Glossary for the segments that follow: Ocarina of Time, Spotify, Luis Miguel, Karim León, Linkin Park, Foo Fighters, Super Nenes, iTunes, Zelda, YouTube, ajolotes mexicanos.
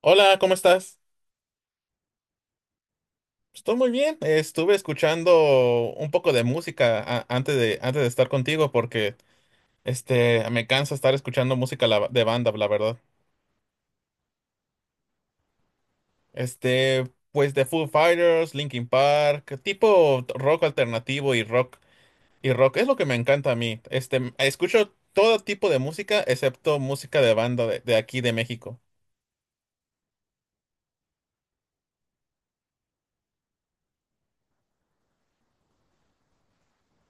Hola, ¿cómo estás? Estoy muy bien. Estuve escuchando un poco de música antes de estar contigo porque me cansa estar escuchando música de banda, la verdad. Pues de Foo Fighters, Linkin Park, tipo rock alternativo y rock es lo que me encanta a mí. Escucho todo tipo de música excepto música de banda de aquí de México.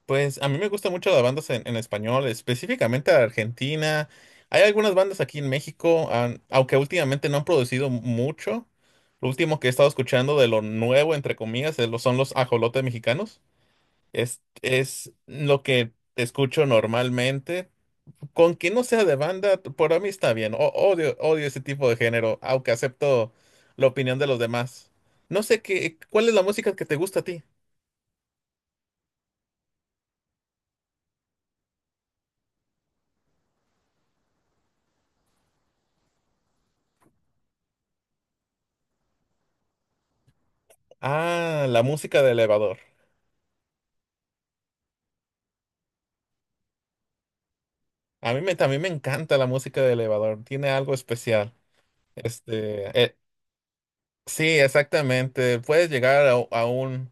Pues a mí me gusta mucho las bandas en español, específicamente la Argentina. Hay algunas bandas aquí en México, aunque últimamente no han producido mucho. Lo último que he estado escuchando de lo nuevo, entre comillas, es son los ajolotes mexicanos. Es lo que escucho normalmente. Con que no sea de banda, por mí está bien. Odio ese tipo de género, aunque acepto la opinión de los demás. No sé qué, ¿cuál es la música que te gusta a ti? Ah, la música de elevador. A mí me, también me encanta la música de elevador, tiene algo especial. Este, eh, sí, exactamente. Puedes llegar a un,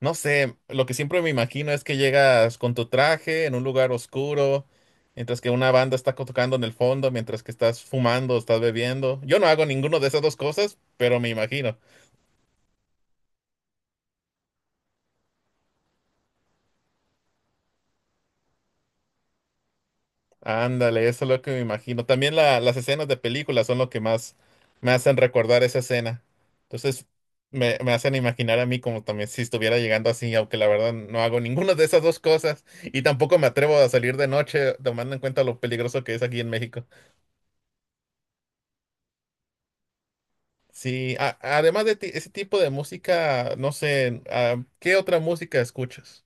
no sé, lo que siempre me imagino es que llegas con tu traje en un lugar oscuro, mientras que una banda está tocando en el fondo, mientras que estás fumando, estás bebiendo. Yo no hago ninguno de esas dos cosas, pero me imagino. Ándale, eso es lo que me imagino. También las escenas de películas son lo que más me hacen recordar esa escena. Entonces, me hacen imaginar a mí como también si estuviera llegando así, aunque la verdad no hago ninguna de esas dos cosas y tampoco me atrevo a salir de noche, tomando en cuenta lo peligroso que es aquí en México. Sí, además de ese tipo de música, no sé, ¿qué otra música escuchas?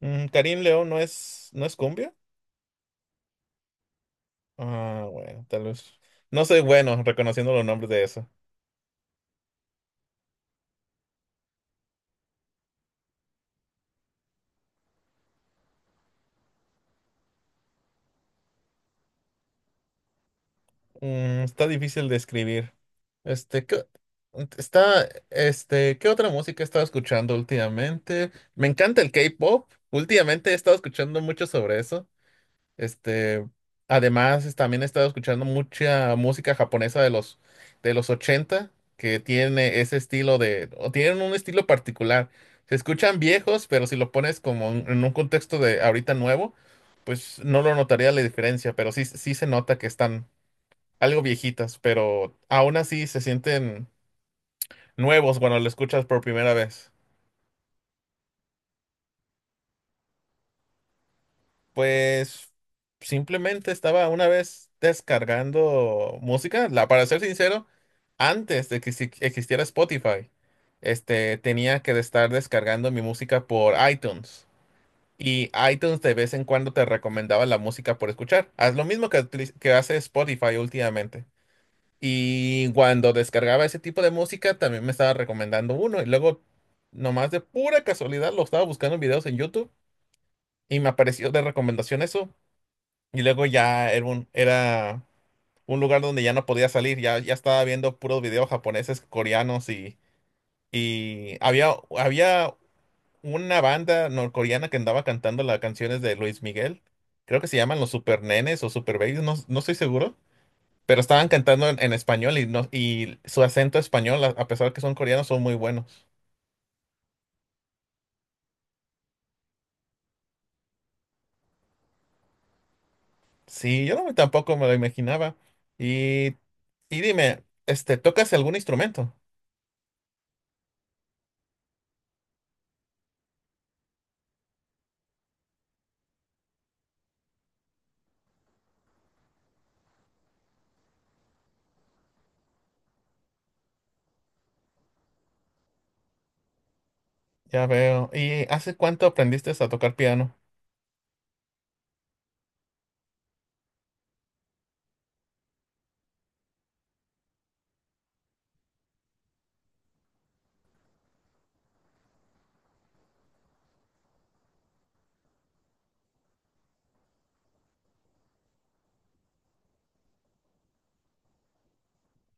Mm, ¿Karim León no es cumbia? Ah, bueno, tal vez. No soy bueno reconociendo los nombres de eso. Mm, está difícil de escribir. Este, ¿qué, ¿Qué otra música he estado escuchando últimamente? Me encanta el K-pop. Últimamente he estado escuchando mucho sobre eso. Este, Además, también he estado escuchando mucha música japonesa de los 80, que tiene ese estilo de, o tienen un estilo particular. Se escuchan viejos, pero si lo pones como en un contexto de ahorita nuevo, pues no lo notaría la diferencia, pero sí, sí se nota que están algo viejitas, pero aún así se sienten nuevos cuando lo escuchas por primera vez. Pues simplemente estaba una vez descargando música, para ser sincero, antes de que existiera Spotify, tenía que estar descargando mi música por iTunes. Y iTunes de vez en cuando te recomendaba la música por escuchar. Haz lo mismo que, que hace Spotify últimamente. Y cuando descargaba ese tipo de música, también me estaba recomendando uno. Y luego, nomás de pura casualidad, lo estaba buscando en videos en YouTube y me apareció de recomendación eso. Y luego ya era un lugar donde ya no podía salir. Ya estaba viendo puros videos japoneses, coreanos y había una banda norcoreana que andaba cantando las canciones de Luis Miguel. Creo que se llaman los Super Nenes o Super Babies, no, no estoy seguro, pero estaban cantando en español y no, y su acento español, a pesar que son coreanos, son muy buenos. Sí, yo no, tampoco me lo imaginaba. Y, y dime, ¿tocas algún instrumento? Ya veo. ¿Y hace cuánto aprendiste a tocar piano?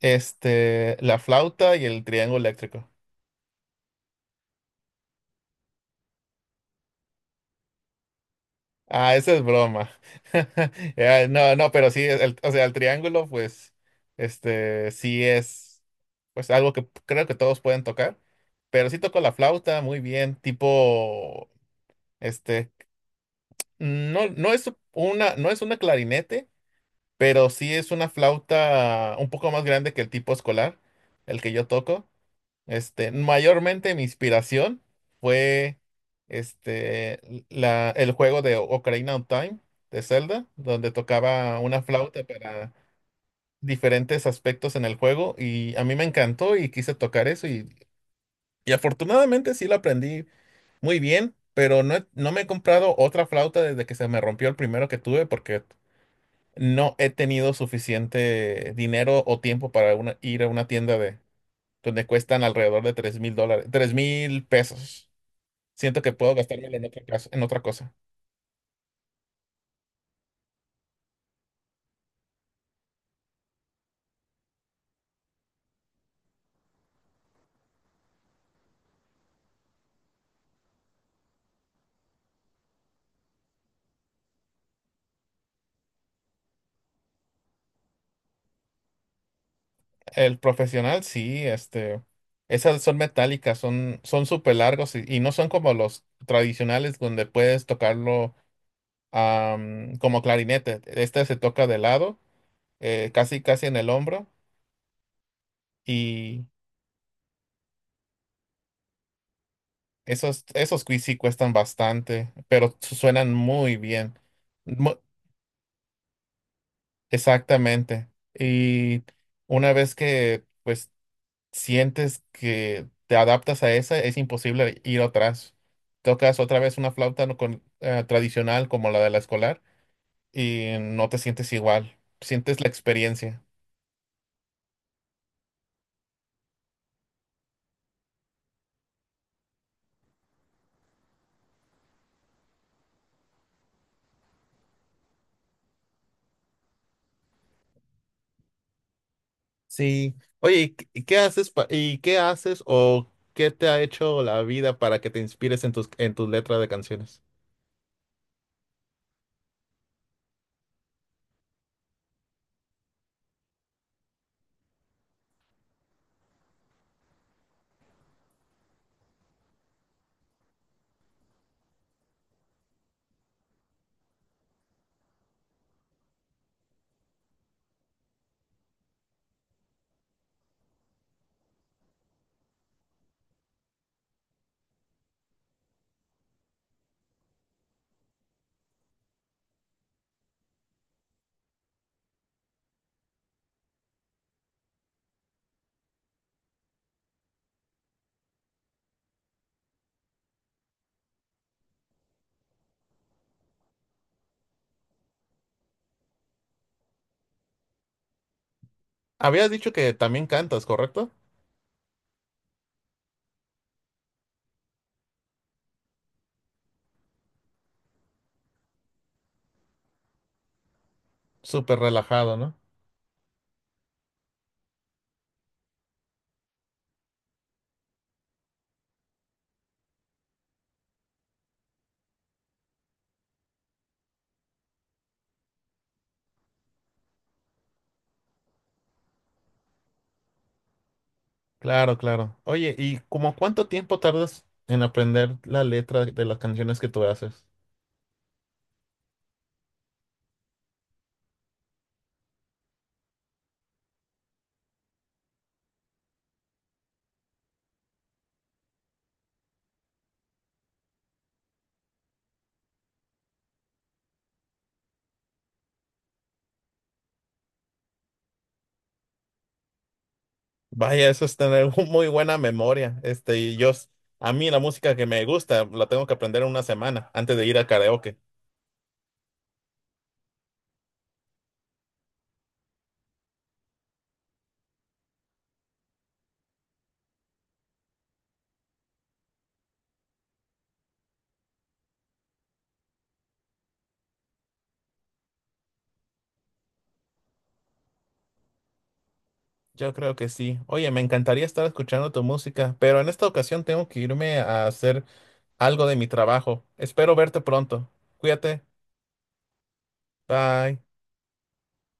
La flauta y el triángulo eléctrico. Ah, esa es broma. Ya, no, no, pero sí, o sea, el triángulo, pues, sí es, pues, algo que creo que todos pueden tocar, pero sí toco la flauta muy bien, tipo, este, no, no es una clarinete, pero sí es una flauta un poco más grande que el tipo escolar, el que yo toco. Mayormente mi inspiración fue este, el juego de Ocarina of Time de Zelda, donde tocaba una flauta para diferentes aspectos en el juego y a mí me encantó y quise tocar eso y afortunadamente sí lo aprendí muy bien, pero no, no me he comprado otra flauta desde que se me rompió el primero que tuve porque no he tenido suficiente dinero o tiempo para ir a una tienda de donde cuestan alrededor de 3,000 dólares, 3,000 pesos. Siento que puedo gastármelo en otra cosa, en otra cosa. El profesional, sí, esas son metálicas, son súper largos y no son como los tradicionales donde puedes tocarlo como clarinete. Este se toca de lado, casi, casi en el hombro y esos sí cuestan bastante, pero suenan muy bien. Mu- Exactamente. Y una vez que, pues, sientes que te adaptas a esa, es imposible ir atrás. Tocas otra vez una flauta no tradicional como la de la escolar y no te sientes igual. Sientes la experiencia. Sí. Oye, y qué haces pa- y qué haces o qué te ha hecho la vida para que te inspires en tus letras de canciones? Habías dicho que también cantas, ¿correcto? Súper relajado, ¿no? Claro, claro. Oye, ¿y como cuánto tiempo tardas en aprender la letra de las canciones que tú haces? Vaya, eso es tener muy buena memoria. A mí la música que me gusta la tengo que aprender en una semana antes de ir a karaoke. Yo creo que sí. Oye, me encantaría estar escuchando tu música, pero en esta ocasión tengo que irme a hacer algo de mi trabajo. Espero verte pronto. Cuídate. Bye.